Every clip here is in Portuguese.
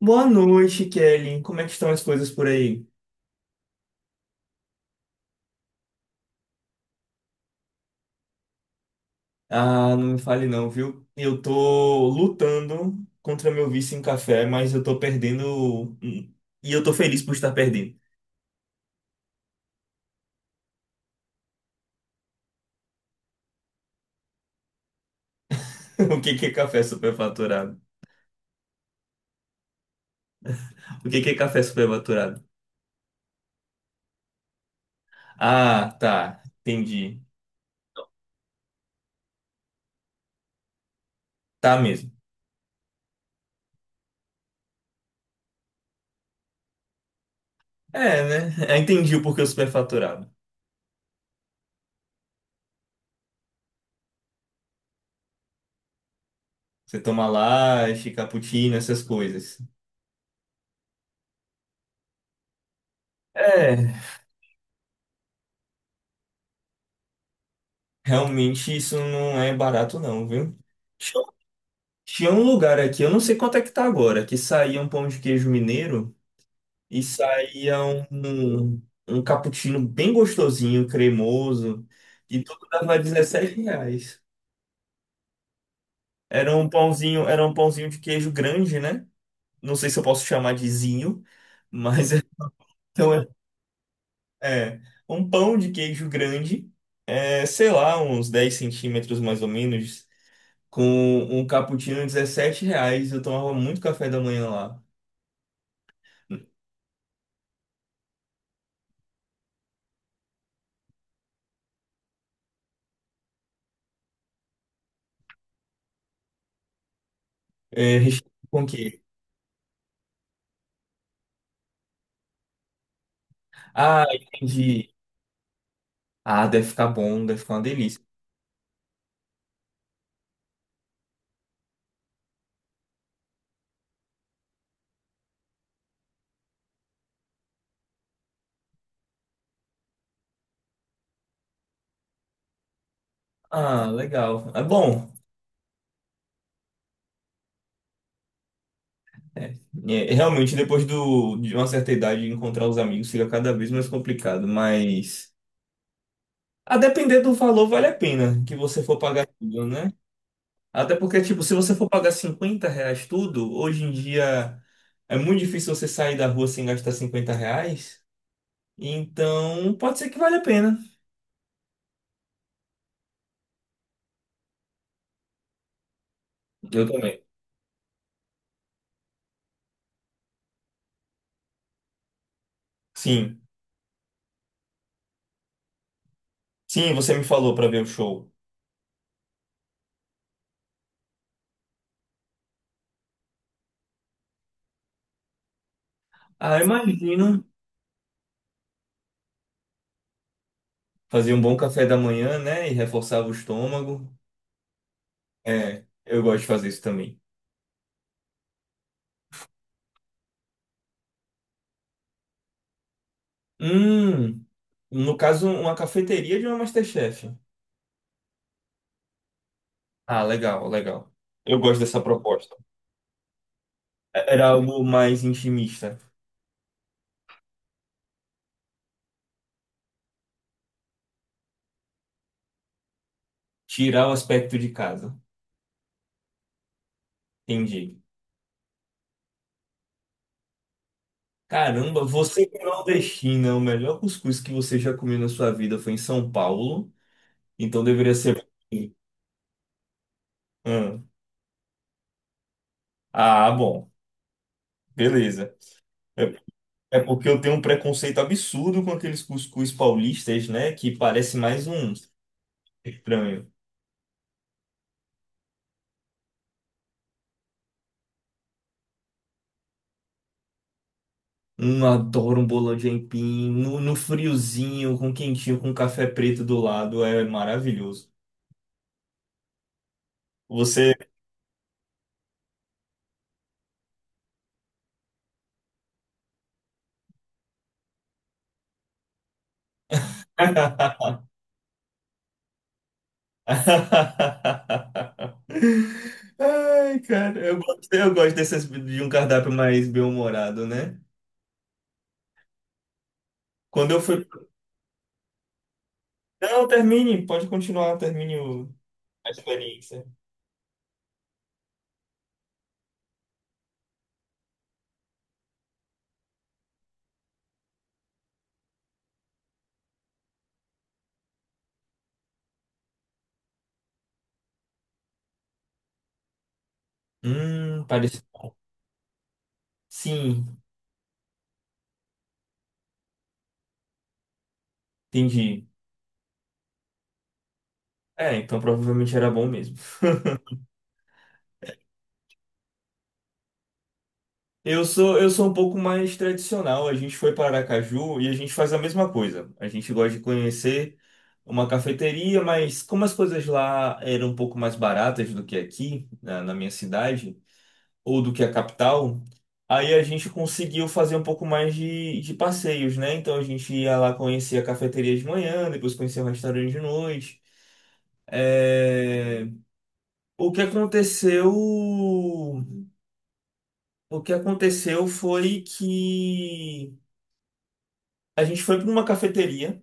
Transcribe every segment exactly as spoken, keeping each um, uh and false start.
Boa noite, Kelly. Como é que estão as coisas por aí? Ah, não me fale não, viu? Eu tô lutando contra meu vício em café, mas eu tô perdendo, hum, e eu tô feliz por estar perdendo. O que que é café superfaturado? O que que é café superfaturado? Ah, tá. Entendi. Tá mesmo. É, né? Eu entendi o porquê o superfaturado. Você toma latte, cappuccino, essas coisas. É, realmente isso não é barato não, viu? Tinha um lugar aqui, eu não sei quanto é que tá agora, que saía um pão de queijo mineiro e saía um, um cappuccino bem gostosinho, cremoso, e tudo dava dezessete reais. Era um pãozinho, era um pãozinho de queijo grande, né? Não sei se eu posso chamar de zinho, mas então é, é, um pão de queijo grande, é, sei lá, uns dez centímetros mais ou menos, com um cappuccino de dezessete reais. Eu tomava muito café da manhã lá. É, recheio com o quê? Ah, entendi. Ah, deve ficar bom, deve ficar uma delícia. Ah, legal. É bom. É, é, realmente, depois do, de uma certa idade, encontrar os amigos fica cada vez mais complicado, mas a depender do valor, vale a pena que você for pagar tudo, né? Até porque, tipo, se você for pagar cinquenta reais tudo, hoje em dia é muito difícil você sair da rua sem gastar cinquenta reais. Então, pode ser que vale a pena. Eu também. Sim. Sim, você me falou para ver o show. Ah, imagino. Fazia um bom café da manhã, né? E reforçava o estômago. É, eu gosto de fazer isso também. Hum, no caso, uma cafeteria de uma MasterChef. Ah, legal, legal. Eu gosto dessa proposta. É- Era algo mais intimista. Tirar o aspecto de casa. Entendi. Caramba, você que é nordestina, o melhor cuscuz que você já comeu na sua vida foi em São Paulo. Então deveria ser. Hum. Ah, bom. Beleza. É, é porque eu tenho um preconceito absurdo com aqueles cuscuz paulistas, né? Que parece mais um estranho. Um adoro um bolão de aipim, no, no friozinho, com quentinho, com café preto do lado, é maravilhoso. Você. Ai, cara, eu gosto, eu gosto desses, de um cardápio mais bem-humorado, né? Quando eu fui. Não, termine, pode continuar, termine o- a experiência. Hum, parece. Sim, entendi. É, então provavelmente era bom mesmo. Eu sou, eu sou um pouco mais tradicional. A gente foi para Aracaju e a gente faz a mesma coisa. A gente gosta de conhecer uma cafeteria, mas como as coisas lá eram um pouco mais baratas do que aqui, na, na minha cidade, ou do que a capital, aí a gente conseguiu fazer um pouco mais de, de passeios, né? Então a gente ia lá conhecer a cafeteria de manhã, depois conhecer o restaurante de noite. É, o que aconteceu? O que aconteceu foi que a gente foi para uma cafeteria.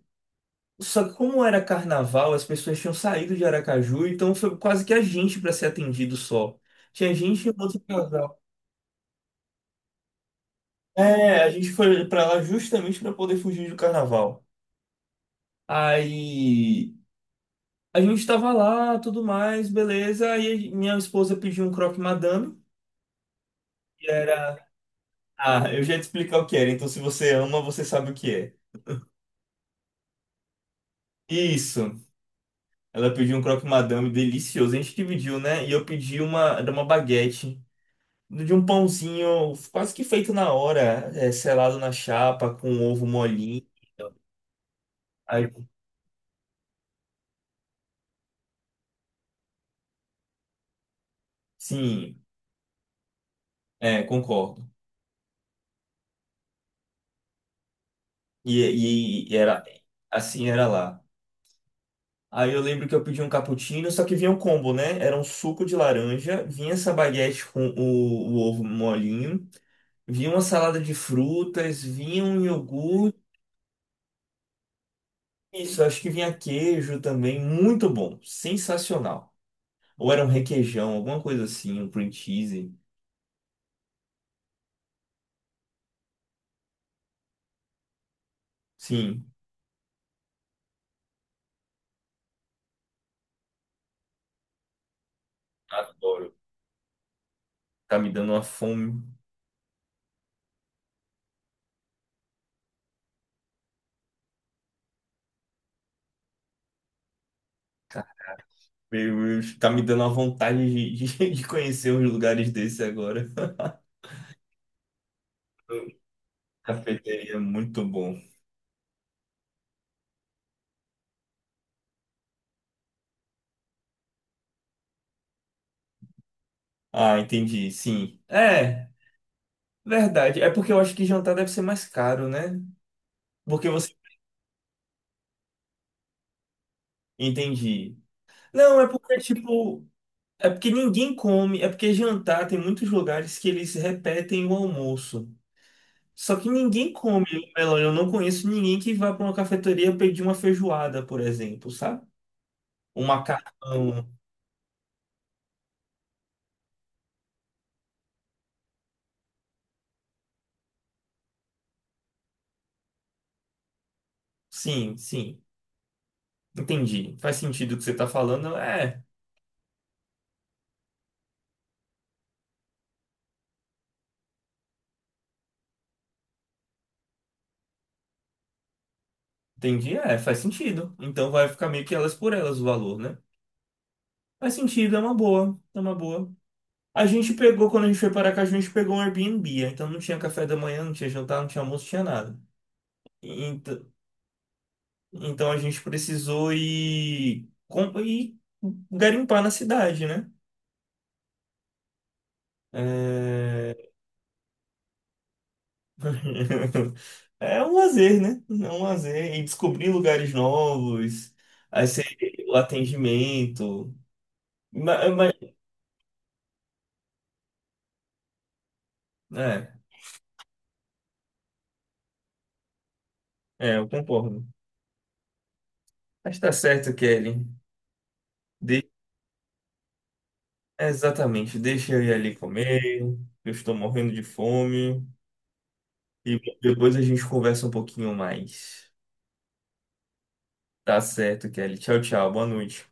Só que como era carnaval, as pessoas tinham saído de Aracaju, então foi quase que a gente para ser atendido só. Tinha gente e um outro casal. É, a gente foi para lá justamente para poder fugir do carnaval. Aí a gente estava lá, tudo mais, beleza. Aí minha esposa pediu um croque madame, que era... Ah, eu já ia te explicar o que era. Então, se você ama, você sabe o que é. Isso. Ela pediu um croque madame delicioso. A gente dividiu, né? E eu pedi uma, era uma baguete de um pãozinho quase que feito na hora, é, selado na chapa, com ovo molinho. Aí, sim, é, concordo. E, e- e era assim era lá. Aí eu lembro que eu pedi um cappuccino, só que vinha um combo, né? Era um suco de laranja, vinha essa baguete com o, o ovo molinho, vinha uma salada de frutas, vinha um iogurte. Isso, acho que vinha queijo também, muito bom, sensacional. Ou era um requeijão, alguma coisa assim, um cream cheese. Sim, adoro. Tá me dando uma fome. Cara, meu Deus, tá me dando uma vontade de, de, de conhecer uns lugares desses agora. Cafeteria, muito bom. Ah, entendi, sim. É, verdade. É porque eu acho que jantar deve ser mais caro, né? Porque você. Entendi. Não, é porque, tipo. É porque ninguém come, é porque jantar tem muitos lugares que eles repetem o almoço. Só que ninguém come melão. Eu não conheço ninguém que vá para uma cafeteria pedir uma feijoada, por exemplo, sabe? Um macarrão. Sim, sim. Entendi. Faz sentido o que você está falando. É, entendi. É, faz sentido. Então vai ficar meio que elas por elas o valor, né? Faz sentido, é uma boa. É uma boa. A gente pegou, quando a gente foi para cá, a gente pegou um Airbnb. Então não tinha café da manhã, não tinha jantar, não tinha almoço, não tinha nada. Ent- Então a gente precisou ir, com- ir garimpar na cidade, né? É... é um lazer, né? É um lazer. E descobrir lugares novos, aí você- o atendimento. Ma- ma- é, é, eu concordo. Mas tá certo, Kelly. De- Exatamente. Deixa eu ir ali comer. Eu estou morrendo de fome. E depois a gente conversa um pouquinho mais. Tá certo, Kelly. Tchau, tchau. Boa noite.